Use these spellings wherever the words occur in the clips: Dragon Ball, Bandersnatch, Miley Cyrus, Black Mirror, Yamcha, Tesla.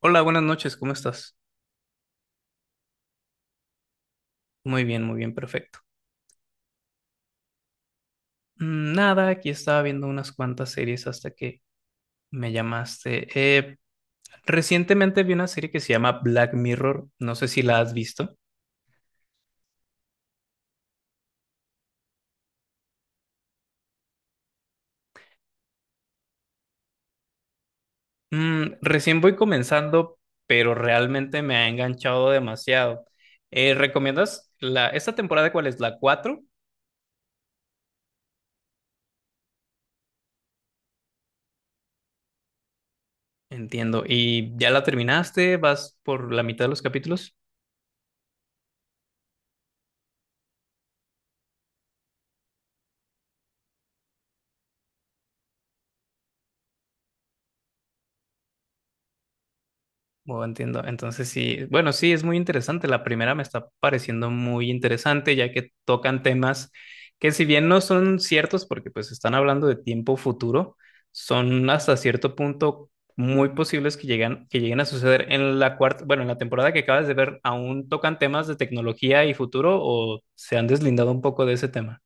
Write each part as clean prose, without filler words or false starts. Hola, buenas noches, ¿cómo estás? Muy bien, perfecto. Nada, aquí estaba viendo unas cuantas series hasta que me llamaste. Recientemente vi una serie que se llama Black Mirror, no sé si la has visto. Recién voy comenzando, pero realmente me ha enganchado demasiado. ¿Recomiendas esta temporada cuál es? ¿La cuatro? Entiendo. ¿Y ya la terminaste? ¿Vas por la mitad de los capítulos? Oh, entiendo. Entonces sí, bueno, sí, es muy interesante. La primera me está pareciendo muy interesante, ya que tocan temas que si bien no son ciertos, porque pues están hablando de tiempo futuro, son hasta cierto punto muy posibles que lleguen, a suceder. En la cuarta, bueno, en la temporada que acabas de ver, ¿aún tocan temas de tecnología y futuro o se han deslindado un poco de ese tema?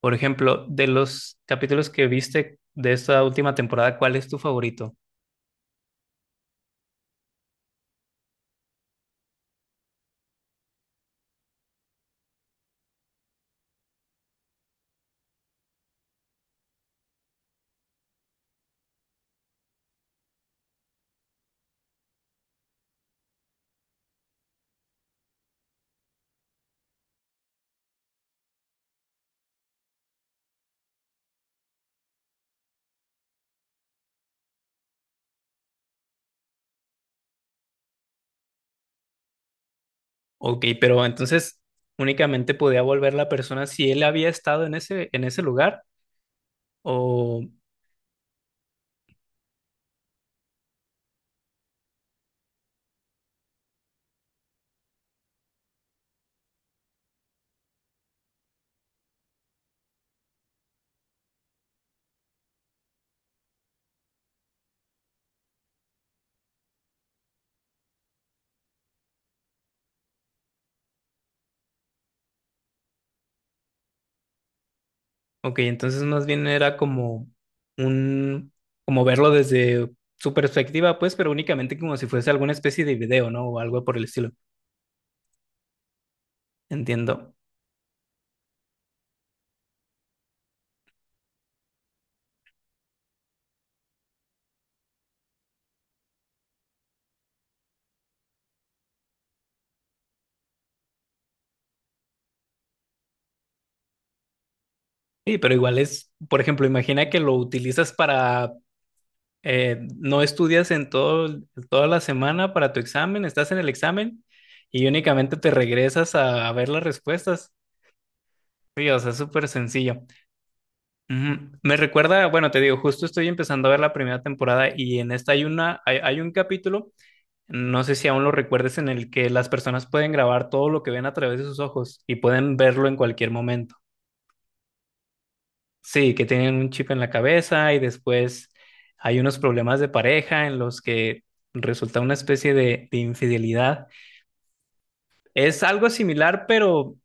Por ejemplo, de los capítulos que viste de esta última temporada, ¿cuál es tu favorito? Ok, pero entonces únicamente podía volver la persona si él había estado en ese lugar o, ok, entonces más bien era como un, como verlo desde su perspectiva, pues, pero únicamente como si fuese alguna especie de video, ¿no? O algo por el estilo. Entiendo. Sí, pero igual es, por ejemplo, imagina que lo utilizas para, no estudias toda la semana para tu examen, estás en el examen y únicamente te regresas a ver las respuestas. Sí, o sea, es súper sencillo. Ujú. Me recuerda, bueno, te digo, justo estoy empezando a ver la primera temporada y en esta hay un capítulo, no sé si aún lo recuerdes, en el que las personas pueden grabar todo lo que ven a través de sus ojos y pueden verlo en cualquier momento. Sí, que tienen un chip en la cabeza y después hay unos problemas de pareja en los que resulta una especie de infidelidad. Es algo similar, pero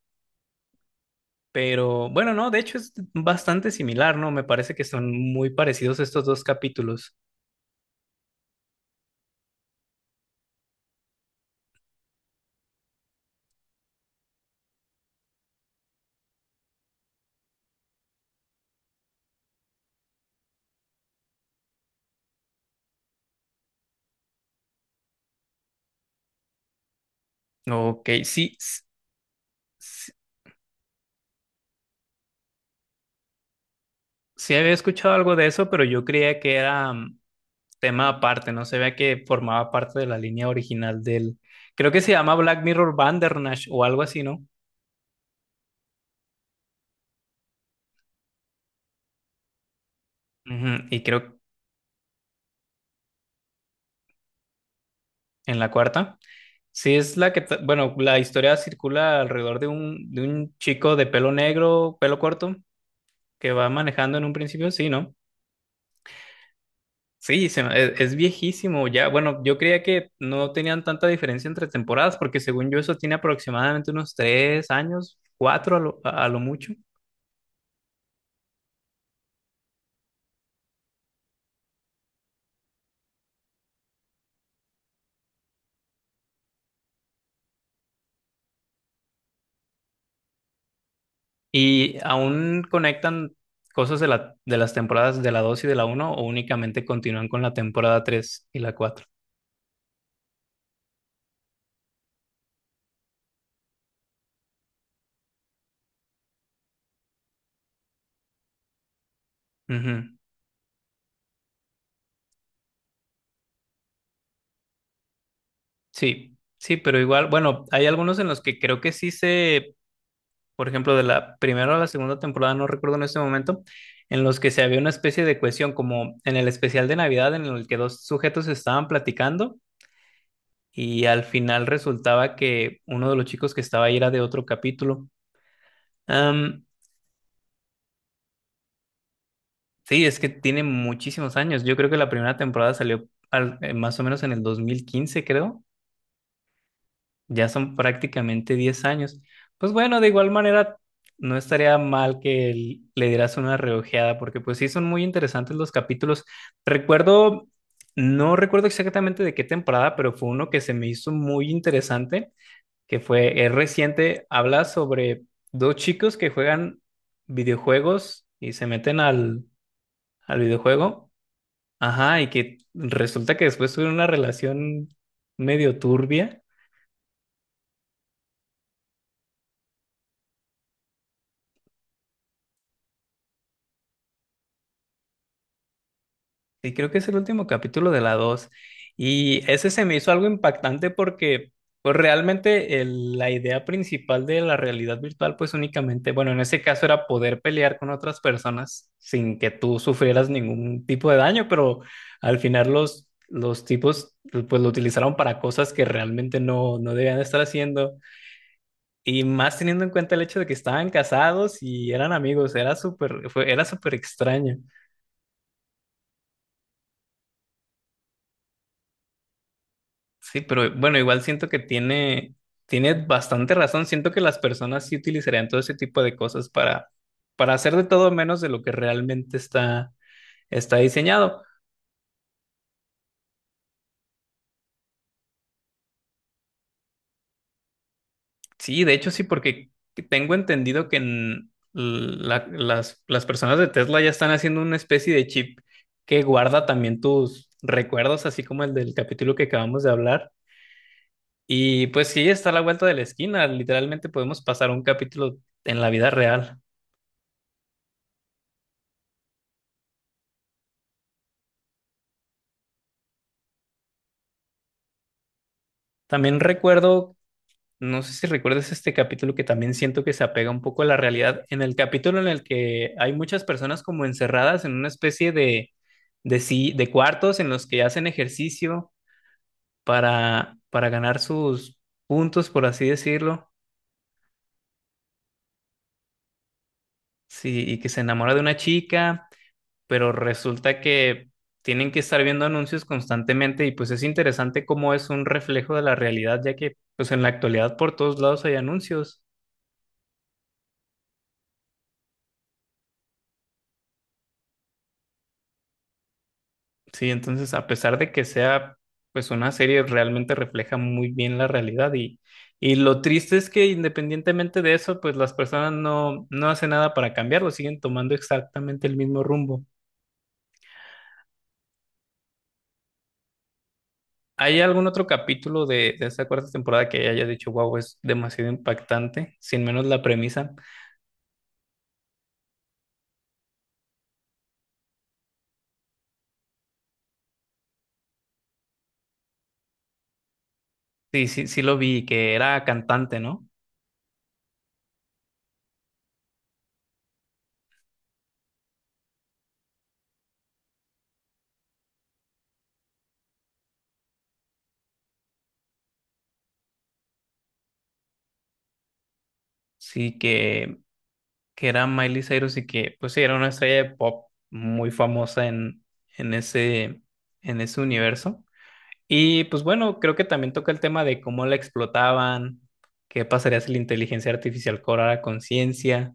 Bueno, no, de hecho es bastante similar, ¿no? Me parece que son muy parecidos estos dos capítulos. Ok, sí, s- sí, había escuchado algo de eso, pero yo creía que era tema aparte, no se veía que formaba parte de la línea original del... Creo que se llama Black Mirror Bandersnatch o algo así, ¿no? Ujú. Y creo en la cuarta. Sí, es la que, bueno, la historia circula alrededor de un chico de pelo negro, pelo corto, que va manejando en un principio, sí, ¿no? Sí, es viejísimo ya. Bueno, yo creía que no tenían tanta diferencia entre temporadas, porque según yo eso tiene aproximadamente unos 3 años, cuatro a lo mucho, y aún conectan cosas de las temporadas de la 2 y de la uno o únicamente continúan con la temporada 3 y la 4. Ujú. Sí, sí, pero igual, bueno, hay algunos en los que creo que sí se por ejemplo, de la primera o la segunda temporada, no recuerdo en este momento, en los que se había una especie de cohesión, como en el especial de Navidad, en el que dos sujetos estaban platicando y al final resultaba que uno de los chicos que estaba ahí era de otro capítulo. Am, sí, es que tiene muchísimos años. Yo creo que la primera temporada salió más o menos en el 2015, creo. Ya son prácticamente 10 años. Pues bueno, de igual manera, no estaría mal que le dieras una reojeada, porque pues sí son muy interesantes los capítulos. Recuerdo, no recuerdo exactamente de qué temporada, pero fue uno que se me hizo muy interesante, es reciente, habla sobre dos chicos que juegan videojuegos y se meten al videojuego. Ajá, y que resulta que después tuvieron una relación medio turbia. Sí, creo que es el último capítulo de la dos. Y ese se me hizo algo impactante porque pues, realmente la idea principal de la realidad virtual, pues únicamente, bueno, en ese caso era poder pelear con otras personas sin que tú sufrieras ningún tipo de daño, pero al final los tipos pues lo utilizaron para cosas que realmente no debían estar haciendo. Y más teniendo en cuenta el hecho de que estaban casados y eran amigos, era súper extraño. Sí, pero bueno, igual siento que tiene, bastante razón. Siento que las personas sí utilizarían todo ese tipo de cosas para, hacer de todo menos de lo que realmente está, diseñado. Sí, de hecho sí, porque tengo entendido que las personas de Tesla ya están haciendo una especie de chip que guarda también tus recuerdos, así como el del capítulo que acabamos de hablar. Y pues sí, está a la vuelta de la esquina. Literalmente podemos pasar un capítulo en la vida real. También recuerdo. No sé si recuerdas este capítulo que también siento que se apega un poco a la realidad, en el capítulo en el que hay muchas personas como encerradas en una especie de, si- de cuartos en los que hacen ejercicio para, ganar sus puntos, por así decirlo, sí, y que se enamora de una chica, pero resulta que tienen que estar viendo anuncios constantemente y pues es interesante cómo es un reflejo de la realidad, ya que pues en la actualidad por todos lados hay anuncios. Sí, entonces a pesar de que sea pues una serie realmente refleja muy bien la realidad y lo triste es que independientemente de eso pues las personas no hacen nada para cambiarlo, siguen tomando exactamente el mismo rumbo. ¿Hay algún otro capítulo de esta cuarta temporada que haya dicho, wow, es demasiado impactante? Sin menos la premisa. Sí, sí, sí lo vi, que era cantante, ¿no? Sí, que era Miley Cyrus y que, pues sí, era una estrella de pop muy famosa en ese, en ese universo. Y pues bueno, creo que también toca el tema de cómo la explotaban, qué pasaría si la inteligencia artificial cobrara conciencia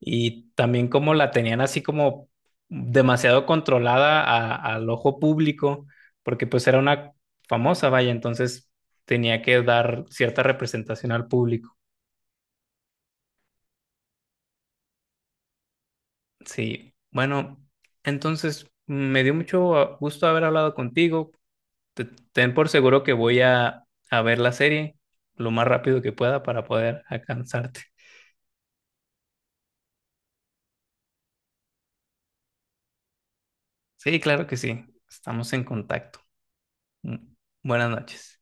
y también cómo la tenían así como demasiado controlada al ojo público, porque pues era una famosa, vaya, entonces tenía que dar cierta representación al público. Sí, bueno, entonces me dio mucho gusto haber hablado contigo. Te- Ten por seguro que voy a ver la serie lo más rápido que pueda para poder alcanzarte. Sí, claro que sí. Estamos en contacto. Mm, Buenas noches.